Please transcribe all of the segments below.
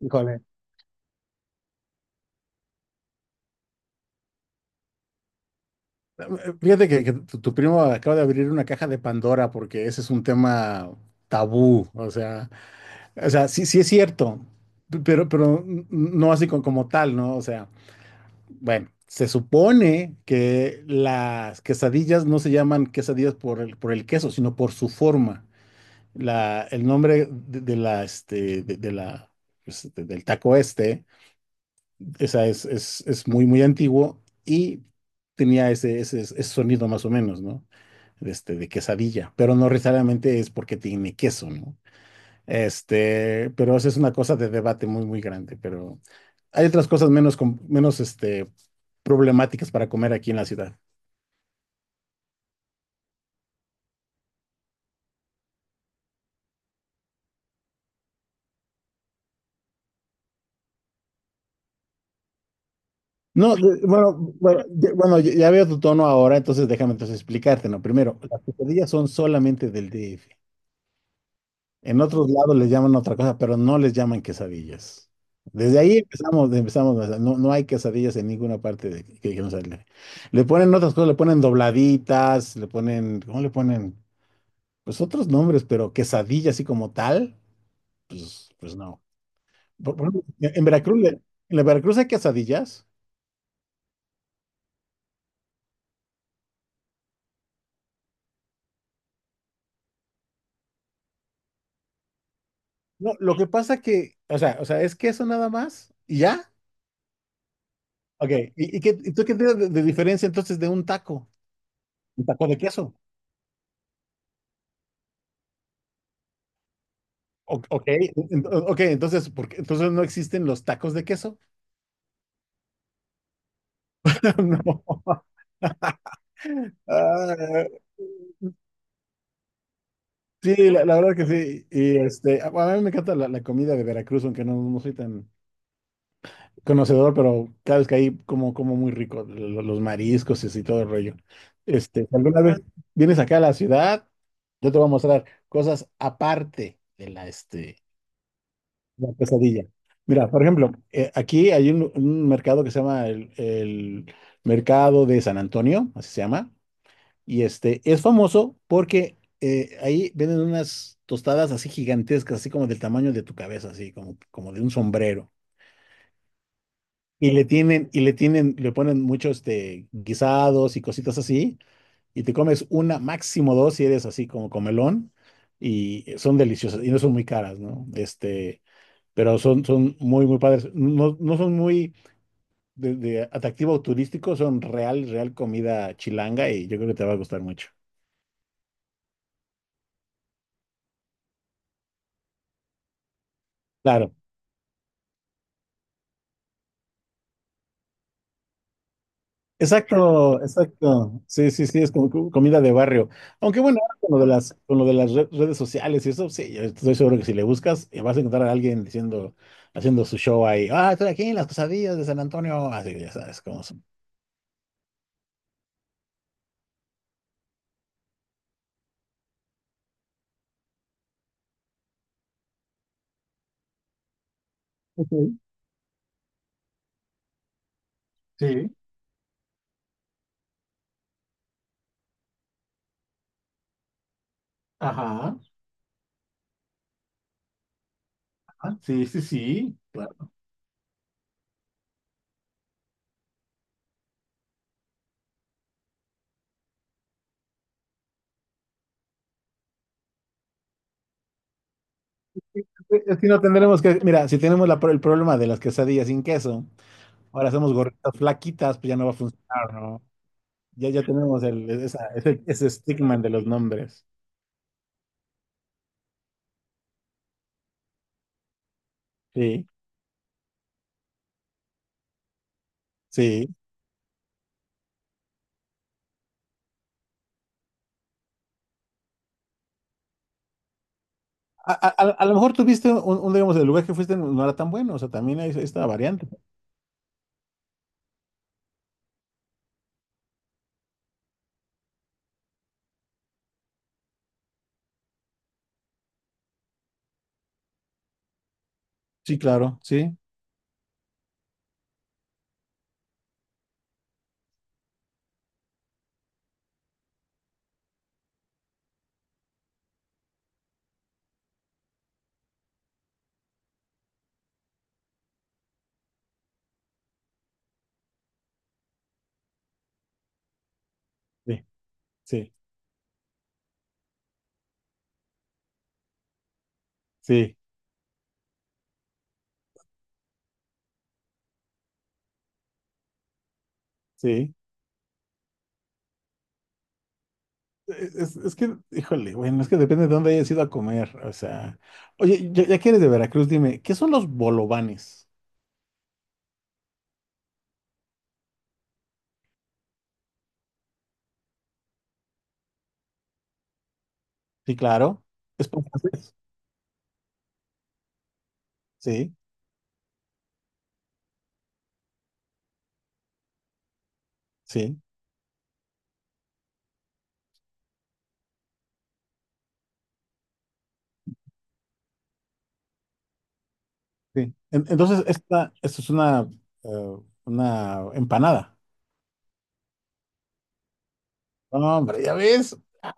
Híjole, fíjate que tu primo acaba de abrir una caja de Pandora porque ese es un tema tabú. O sea, sí, sí es cierto. Pero, no así como tal, ¿no? O sea, bueno, se supone que las quesadillas no se llaman quesadillas por el queso, sino por su forma. El nombre de del taco este. O sea, es muy, muy antiguo y tenía ese sonido más o menos, ¿no? De quesadilla, pero no necesariamente es porque tiene queso, ¿no? Pero esa es una cosa de debate muy, muy grande, pero hay otras cosas menos, problemáticas para comer aquí en la ciudad. No, bueno, ya veo tu tono ahora, entonces déjame entonces explicarte, ¿no? Primero, las quesadillas son solamente del DF. En otros lados les llaman otra cosa, pero no les llaman quesadillas. Desde ahí empezamos. O sea, no hay quesadillas en ninguna parte que no sale. Le ponen otras cosas, le ponen dobladitas, le ponen, ¿cómo le ponen? Pues otros nombres, pero quesadilla así como tal, pues no. Por ejemplo, en Veracruz, en la Veracruz hay quesadillas. No, lo que pasa que, o sea, es queso nada más y ya. Ok. ¿Y qué, y tú qué tienes de diferencia entonces de un taco? Un taco de queso. Ok, entonces, entonces no existen los tacos de queso? No. Ah, sí, la verdad que sí. Y a mí me encanta la comida de Veracruz, aunque no soy tan conocedor, pero cada vez que ahí como, como muy rico, los mariscos y así, todo el rollo. Si alguna vez vienes acá a la ciudad, yo te voy a mostrar cosas aparte de la, La pesadilla. Mira, por ejemplo, aquí hay un mercado que se llama el Mercado de San Antonio, así se llama, y este es famoso porque ahí venden unas tostadas así gigantescas, así como del tamaño de tu cabeza, así como, como de un sombrero. Y le tienen, le ponen muchos guisados y cositas así, y te comes una, máximo dos si eres así como comelón, y son deliciosas, y no son muy caras, ¿no? Pero son muy, muy padres. No son muy de atractivo turístico, son real, real comida chilanga y yo creo que te va a gustar mucho. Claro, exacto, exacto. Sí, sí, sí, es como comida de barrio. Aunque bueno, ahora con lo de las redes sociales y eso, sí, yo estoy seguro que si le buscas, vas a encontrar a alguien diciendo, haciendo su show ahí. Ah, estoy aquí en las quesadillas de San Antonio. Así que ya sabes cómo son. Ok. Sí, ajá, ajá, sí, sí, sí. Si no tendremos que, mira, si tenemos el problema de las quesadillas sin queso, ahora hacemos gorritas flaquitas, pues ya no va a funcionar, ¿no? Ya tenemos ese estigma de los nombres. Sí, sí. A lo mejor tuviste un, digamos, el lugar que fuiste no era tan bueno, o sea, también hay esta variante. Sí, claro, sí, sí, sí, sí, sí. Es que, híjole, bueno, es que depende de dónde hayas ido a comer, o sea. Oye, ya que eres de Veracruz, dime, ¿qué son los bolovanes? Sí, claro, es por francés. Sí, sí, sí. Entonces, esto es eh, una empanada. No, hombre, ya ves. Ah,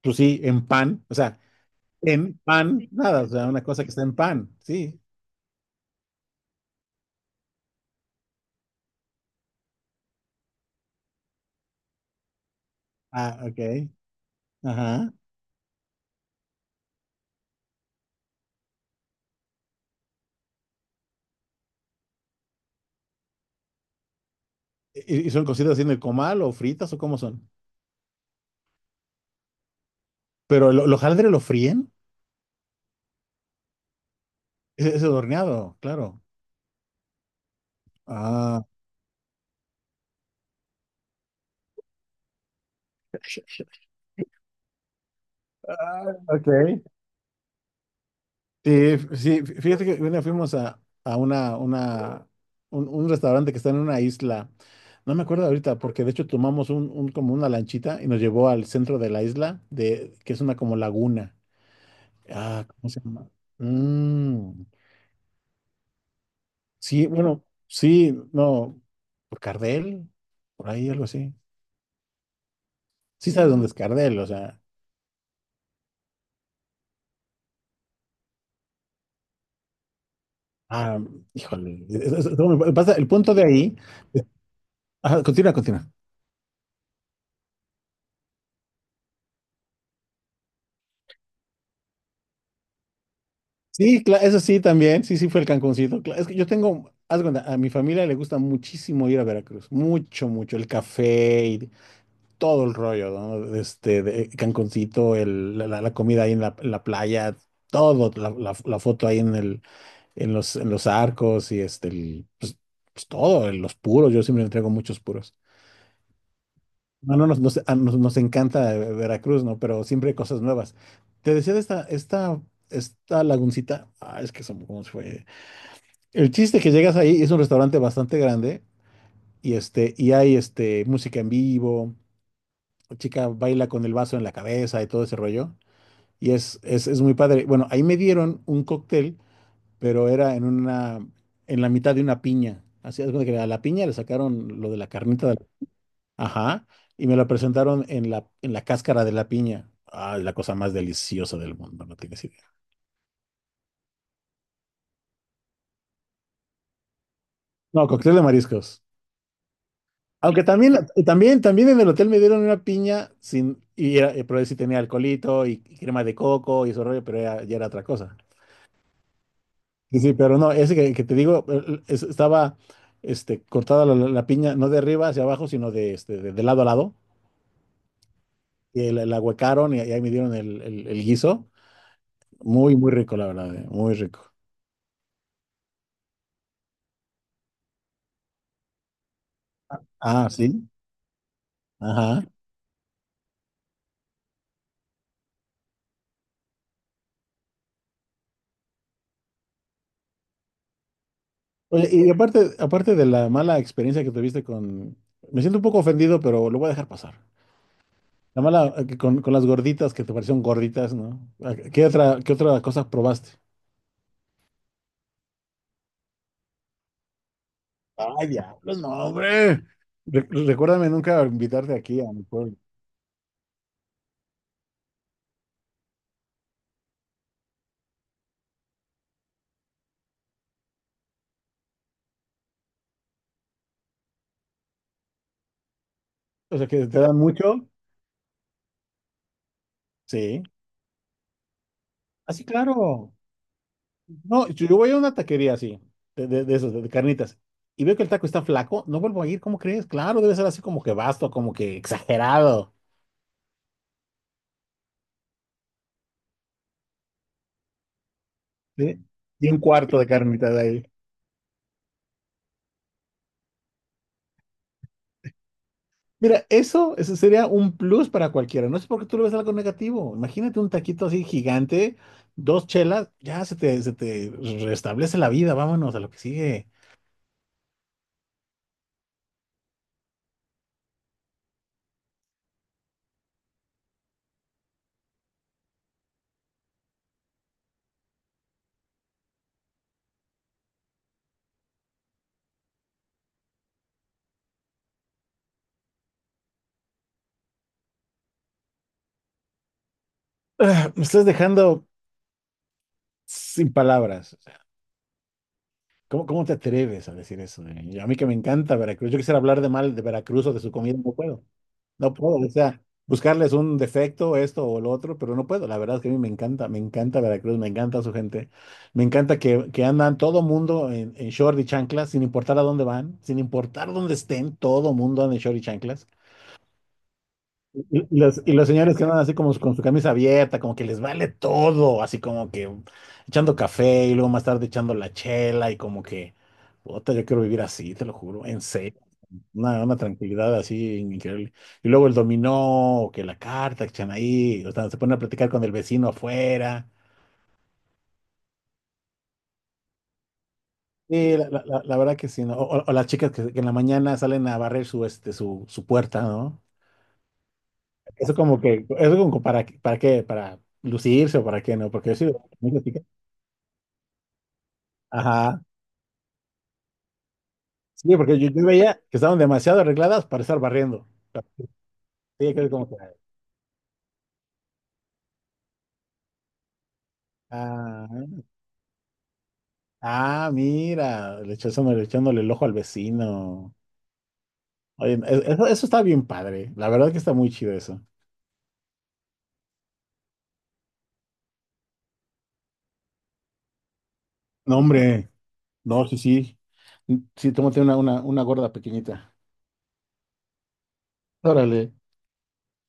pues sí, en pan. O sea, en pan, nada. O sea, una cosa que está en pan. Sí. Ah, ok. Ajá. ¿Y son cocidas así en el comal o fritas o cómo son? Pero el hojaldre lo fríen. Es el horneado, claro. Ah, ah, ok. Sí, sí, fíjate que bueno, fuimos a un restaurante que está en una isla. No me acuerdo ahorita, porque de hecho tomamos como una lanchita y nos llevó al centro de la isla, que es una como laguna. Ah, ¿cómo se llama? Mm, sí, bueno, sí, no, por Cardel, por ahí algo así. Sí sabes dónde es Cardel, o sea. Ah, híjole. No, el punto de ahí. Ajá, continúa, continúa. Sí, eso sí, también. Sí, sí, fue el Cancuncito. Es que yo tengo, haz de cuenta, a mi familia le gusta muchísimo ir a Veracruz. Mucho, mucho. El café y todo el rollo, ¿no? De Cancuncito, la comida ahí en en la playa, todo, la foto ahí en los arcos y pues, pues todo, los puros. Yo siempre entrego muchos puros. No, no, nos encanta Veracruz, ¿no? Pero siempre hay cosas nuevas. Te decía de esta laguncita. Ah, es que son, ¿cómo se fue? El chiste que llegas ahí es un restaurante bastante grande y hay música en vivo, la chica baila con el vaso en la cabeza y todo ese rollo y es muy padre. Bueno, ahí me dieron un cóctel, pero era en la mitad de una piña. Así es que a la piña le sacaron lo de la carnita ajá, y me la presentaron en la cáscara de la piña. Ah, la cosa más deliciosa del mundo, no tienes idea. No, cóctel de mariscos. Aunque también, también en el hotel me dieron una piña sin, pero sí tenía alcoholito y crema de coco y eso rollo, pero ya era otra cosa. Sí, sí, pero no, ese que te digo, estaba cortada la piña, no de arriba hacia abajo, sino de lado a lado. Y la huecaron y, ahí me dieron el guiso. Muy, muy rico, la verdad, muy rico. Ah, sí. Ajá. Oye, y aparte de la mala experiencia que tuviste con... Me siento un poco ofendido, pero lo voy a dejar pasar. La mala, que con las gorditas que te parecieron gorditas, ¿no? Ah, ¿Qué otra cosa probaste? Ay, diablos, no, hombre. Recuérdame nunca invitarte aquí a mi pueblo. O sea, que te dan mucho. Sí. Así, claro. No, yo voy a una taquería así, de esos, de carnitas, y veo que el taco está flaco, no vuelvo a ir, ¿cómo crees? Claro, debe ser así como que vasto, como que exagerado. ¿Sí? Y un cuarto de carnitas ahí. Mira, eso sería un plus para cualquiera. No sé por qué tú le ves algo negativo. Imagínate un taquito así gigante, dos chelas, ya se te restablece la vida. Vámonos a lo que sigue. Ah, me estás dejando sin palabras. Cómo te atreves a decir eso? ¿Eh? A mí que me encanta Veracruz. Yo quisiera hablar de mal de Veracruz o de su comida, no puedo. No puedo, o sea, buscarles un defecto, esto o lo otro, pero no puedo. La verdad es que a mí me encanta Veracruz, me encanta su gente. Me encanta que andan todo mundo en short y chanclas, sin importar a dónde van, sin importar dónde estén, todo mundo anda en short y chanclas. Y los señores que andan así como con su camisa abierta, como que les vale todo, así como que echando café y luego más tarde echando la chela y como que, puta, yo quiero vivir así, te lo juro, en serio, una tranquilidad así increíble. Y luego el dominó, o que la carta que echan ahí, o sea, se ponen a platicar con el vecino afuera. Sí, la verdad que sí, ¿no? O las chicas que en la mañana salen a barrer su puerta, ¿no? Eso como que, eso como ¿para qué? Para lucirse o para qué, ¿no? Porque yo sí. Ajá. Sí, porque yo veía que estaban demasiado arregladas para estar barriendo. Sí, que es como que, ah, mira, echándole el ojo al vecino. Oye, eso está bien padre. La verdad que está muy chido eso. No, hombre, no, sí, sí. Sí, tómate una gorda pequeñita. Órale.